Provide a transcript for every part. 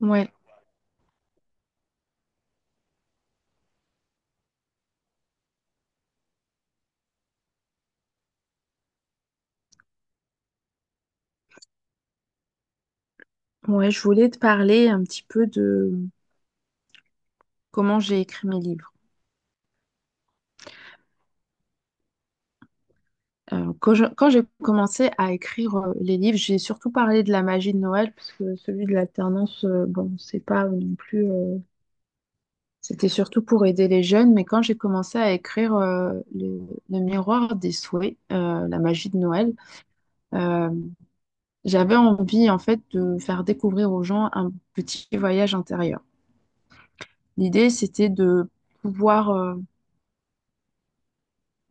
Ouais, ouais, je voulais te parler un petit peu de comment j'ai écrit mes livres. Quand j'ai commencé à écrire les livres, j'ai surtout parlé de la magie de Noël, parce que celui de l'alternance, bon, c'est pas non plus. C'était surtout pour aider les jeunes, mais quand j'ai commencé à écrire le miroir des souhaits, la magie de Noël, euh, j'avais envie en fait de faire découvrir aux gens un petit voyage intérieur. L'idée, c'était de pouvoir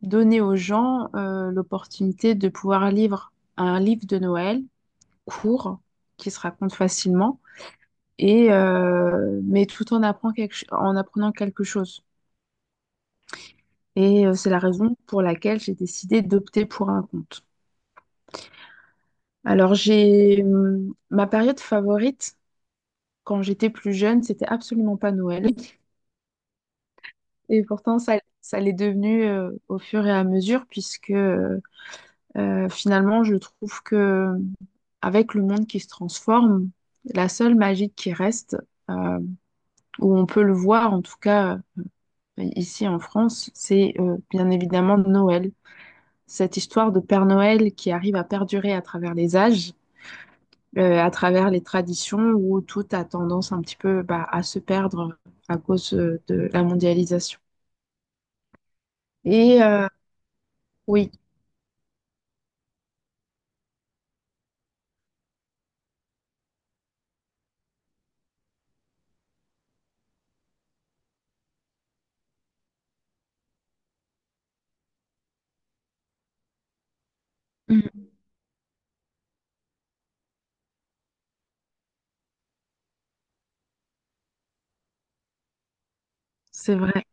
donner aux gens l'opportunité de pouvoir lire un livre de Noël court qui se raconte facilement et mais tout en apprend quelque ch- en apprenant quelque chose. C'est la raison pour laquelle j'ai décidé d'opter pour un conte. Alors j'ai Ma période favorite quand j'étais plus jeune, c'était absolument pas Noël, et pourtant ça l'est devenu au fur et à mesure puisque Finalement, je trouve que avec le monde qui se transforme, la seule magie qui reste, euh, où on peut le voir, en tout cas ici en France, c'est bien évidemment Noël. Cette histoire de Père Noël qui arrive à perdurer à travers les âges, à travers les traditions, où tout a tendance un petit peu à se perdre à cause de la mondialisation. Et euh, oui. Mhm. C'est vrai.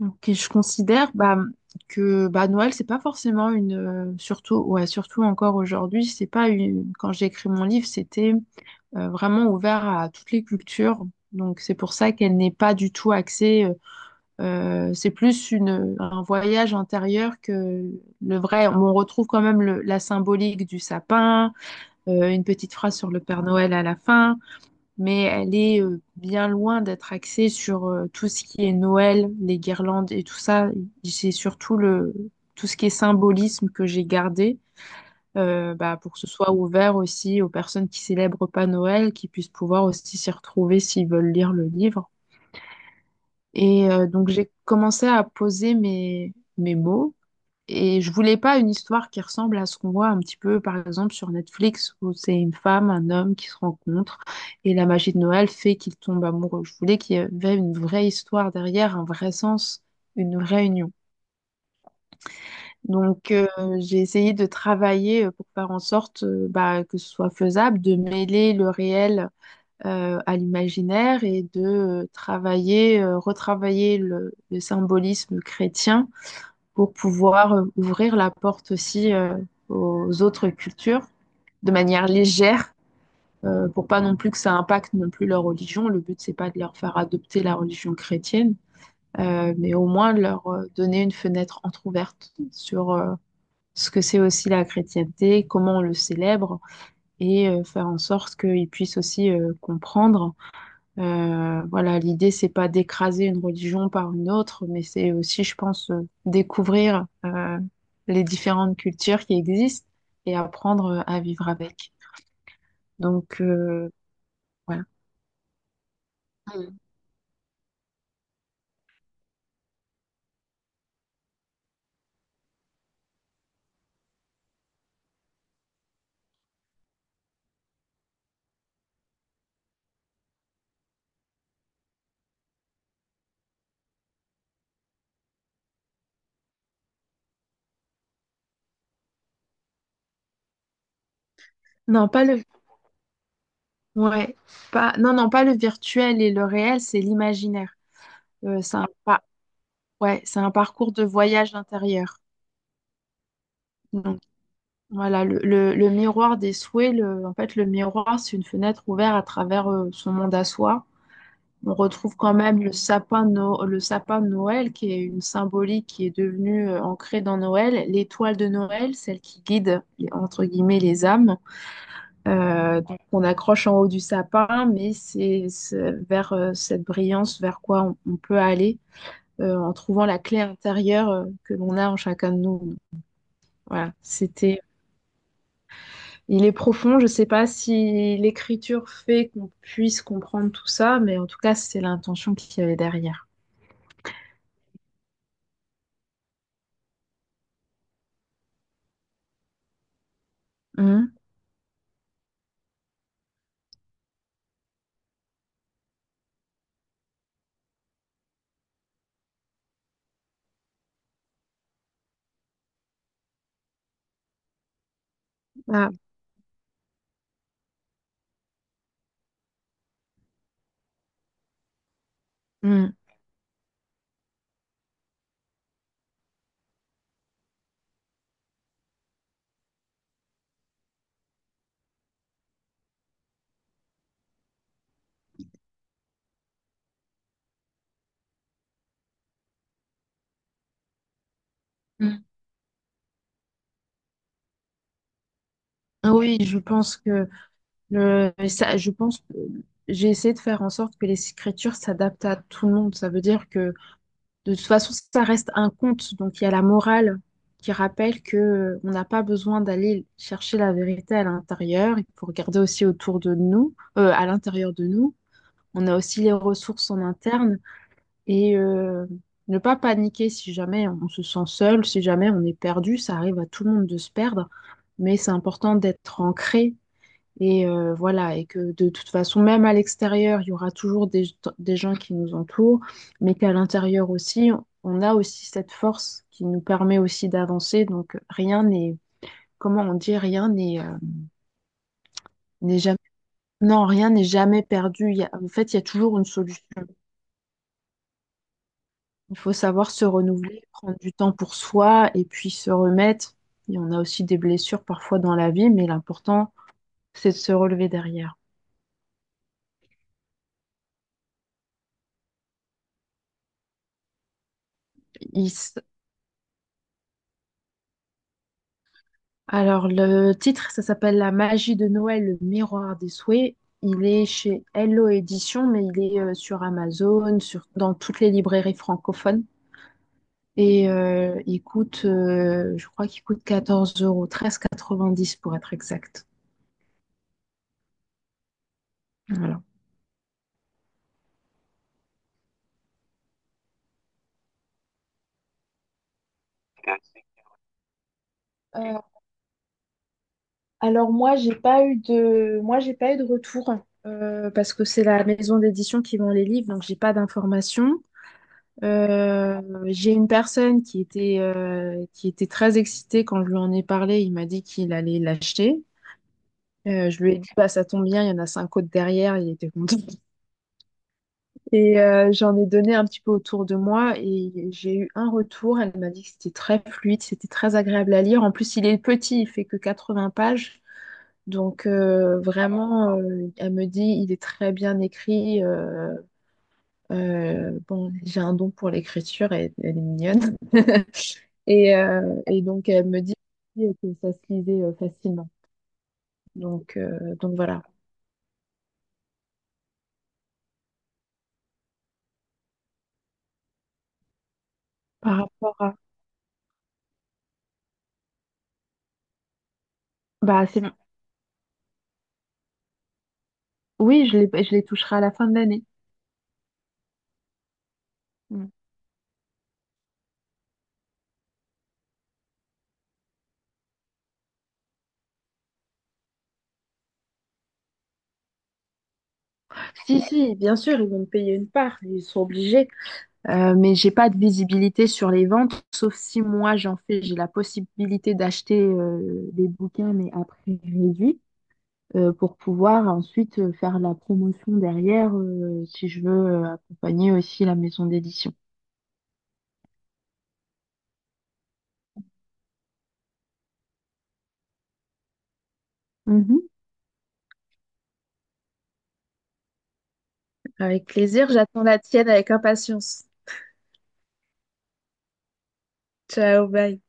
Ok, je considère que Noël, c'est pas forcément une. Surtout, ouais, surtout encore aujourd'hui, c'est pas une. Quand j'ai écrit mon livre, c'était vraiment ouvert à toutes les cultures. Donc, c'est pour ça qu'elle n'est pas du tout axée. C'est plus un voyage intérieur que le vrai. On retrouve quand même la symbolique du sapin, une petite phrase sur le Père Noël à la fin, mais elle est bien loin d'être axée sur tout ce qui est Noël, les guirlandes et tout ça. C'est surtout le tout ce qui est symbolisme que j'ai gardé, pour que ce soit ouvert aussi aux personnes qui célèbrent pas Noël, qui puissent pouvoir aussi s'y retrouver s'ils veulent lire le livre. Donc j'ai commencé à poser mes mots. Et je voulais pas une histoire qui ressemble à ce qu'on voit un petit peu, par exemple, sur Netflix, où c'est une femme, un homme qui se rencontrent et la magie de Noël fait qu'ils tombent amoureux. Je voulais qu'il y avait une vraie histoire derrière, un vrai sens, une vraie union. Donc, euh, j'ai essayé de travailler pour faire en sorte, que ce soit faisable, de mêler le réel à l'imaginaire et de retravailler le symbolisme chrétien pour pouvoir ouvrir la porte aussi aux autres cultures de manière légère, pour pas non plus que ça impacte non plus leur religion. Le but, c'est pas de leur faire adopter la religion chrétienne, mais au moins de leur donner une fenêtre entrouverte sur ce que c'est aussi la chrétienté, comment on le célèbre, et faire en sorte qu'ils puissent aussi comprendre. Voilà, l'idée, c'est pas d'écraser une religion par une autre, mais c'est aussi, je pense, découvrir les différentes cultures qui existent et apprendre à vivre avec. Donc, euh, voilà. Mm. Non, pas le, ouais, non, non, pas le virtuel et le réel, c'est l'imaginaire. C'est un, pas, Ouais, c'est un parcours de voyage intérieur. Donc, le miroir des souhaits, en fait, le miroir, c'est une fenêtre ouverte à travers son monde à soi. On retrouve quand même le sapin, de No- le sapin de Noël, qui est une symbolique qui est devenue ancrée dans Noël, l'étoile de Noël, celle qui guide, entre guillemets, les âmes, donc qu'on accroche en haut du sapin, mais c'est vers cette brillance vers quoi on peut aller en trouvant la clé intérieure que l'on a en chacun de nous. Voilà, c'était. Il est profond, je ne sais pas si l'écriture fait qu'on puisse comprendre tout ça, mais en tout cas, c'est l'intention qu'il y avait derrière. Mhm. Ah. Mm. Mm. Oui, je pense que je pense que j'ai essayé de faire en sorte que les écritures s'adaptent à tout le monde. Ça veut dire que de toute façon, ça reste un conte. Donc il y a la morale qui rappelle que on n'a pas besoin d'aller chercher la vérité à l'intérieur. Il faut regarder aussi autour de nous, à l'intérieur de nous. On a aussi les ressources en interne. Et euh, Ne pas paniquer si jamais on se sent seul, si jamais on est perdu, ça arrive à tout le monde de se perdre, mais c'est important d'être ancré, et voilà, et que de toute façon, même à l'extérieur, il y aura toujours des gens qui nous entourent, mais qu'à l'intérieur aussi, on a aussi cette force qui nous permet aussi d'avancer. Donc rien n'est, comment on dit, n'est jamais, non, rien n'est jamais perdu. En fait, il y a toujours une solution. Il faut savoir se renouveler, prendre du temps pour soi et puis se remettre. Et on a aussi des blessures parfois dans la vie, mais l'important, c'est de se relever derrière. Il s- Alors, le titre, ça s'appelle La magie de Noël, le miroir des souhaits. Il est chez Hello Édition, mais il est sur Amazon, sur... dans toutes les librairies francophones. Il coûte, je crois qu'il coûte 14 euros, 13,90 pour être exact. Voilà. Euh, Alors moi, j'ai pas eu de retour parce que c'est la maison d'édition qui vend les livres, donc j'ai pas d'informations. Euh, j'ai une personne qui était très excitée quand je lui en ai parlé. Il m'a dit qu'il allait l'acheter. Je lui ai dit, bah, ça tombe bien, il y en a cinq autres derrière. Il était content. J'en ai donné un petit peu autour de moi et j'ai eu un retour. Elle m'a dit que c'était très fluide, c'était très agréable à lire. En plus, il est petit, il fait que 80 pages. Elle me dit, il est très bien écrit. Bon, j'ai un don pour l'écriture, elle est mignonne. Et donc, elle me dit que ça se lisait facilement. Donc voilà. Par rapport à... Bah, c'est... Oui, je les toucherai à la fin de l'année. Mm. Si, si, bien sûr, ils vont me payer une part, ils sont obligés. Mais j'ai pas de visibilité sur les ventes, sauf si moi j'en fais, j'ai la possibilité d'acheter des bouquins, mais à prix réduit, pour pouvoir ensuite faire la promotion derrière, si je veux accompagner aussi la maison d'édition. Mhm. Avec plaisir, j'attends la tienne avec impatience. Ciao, bye.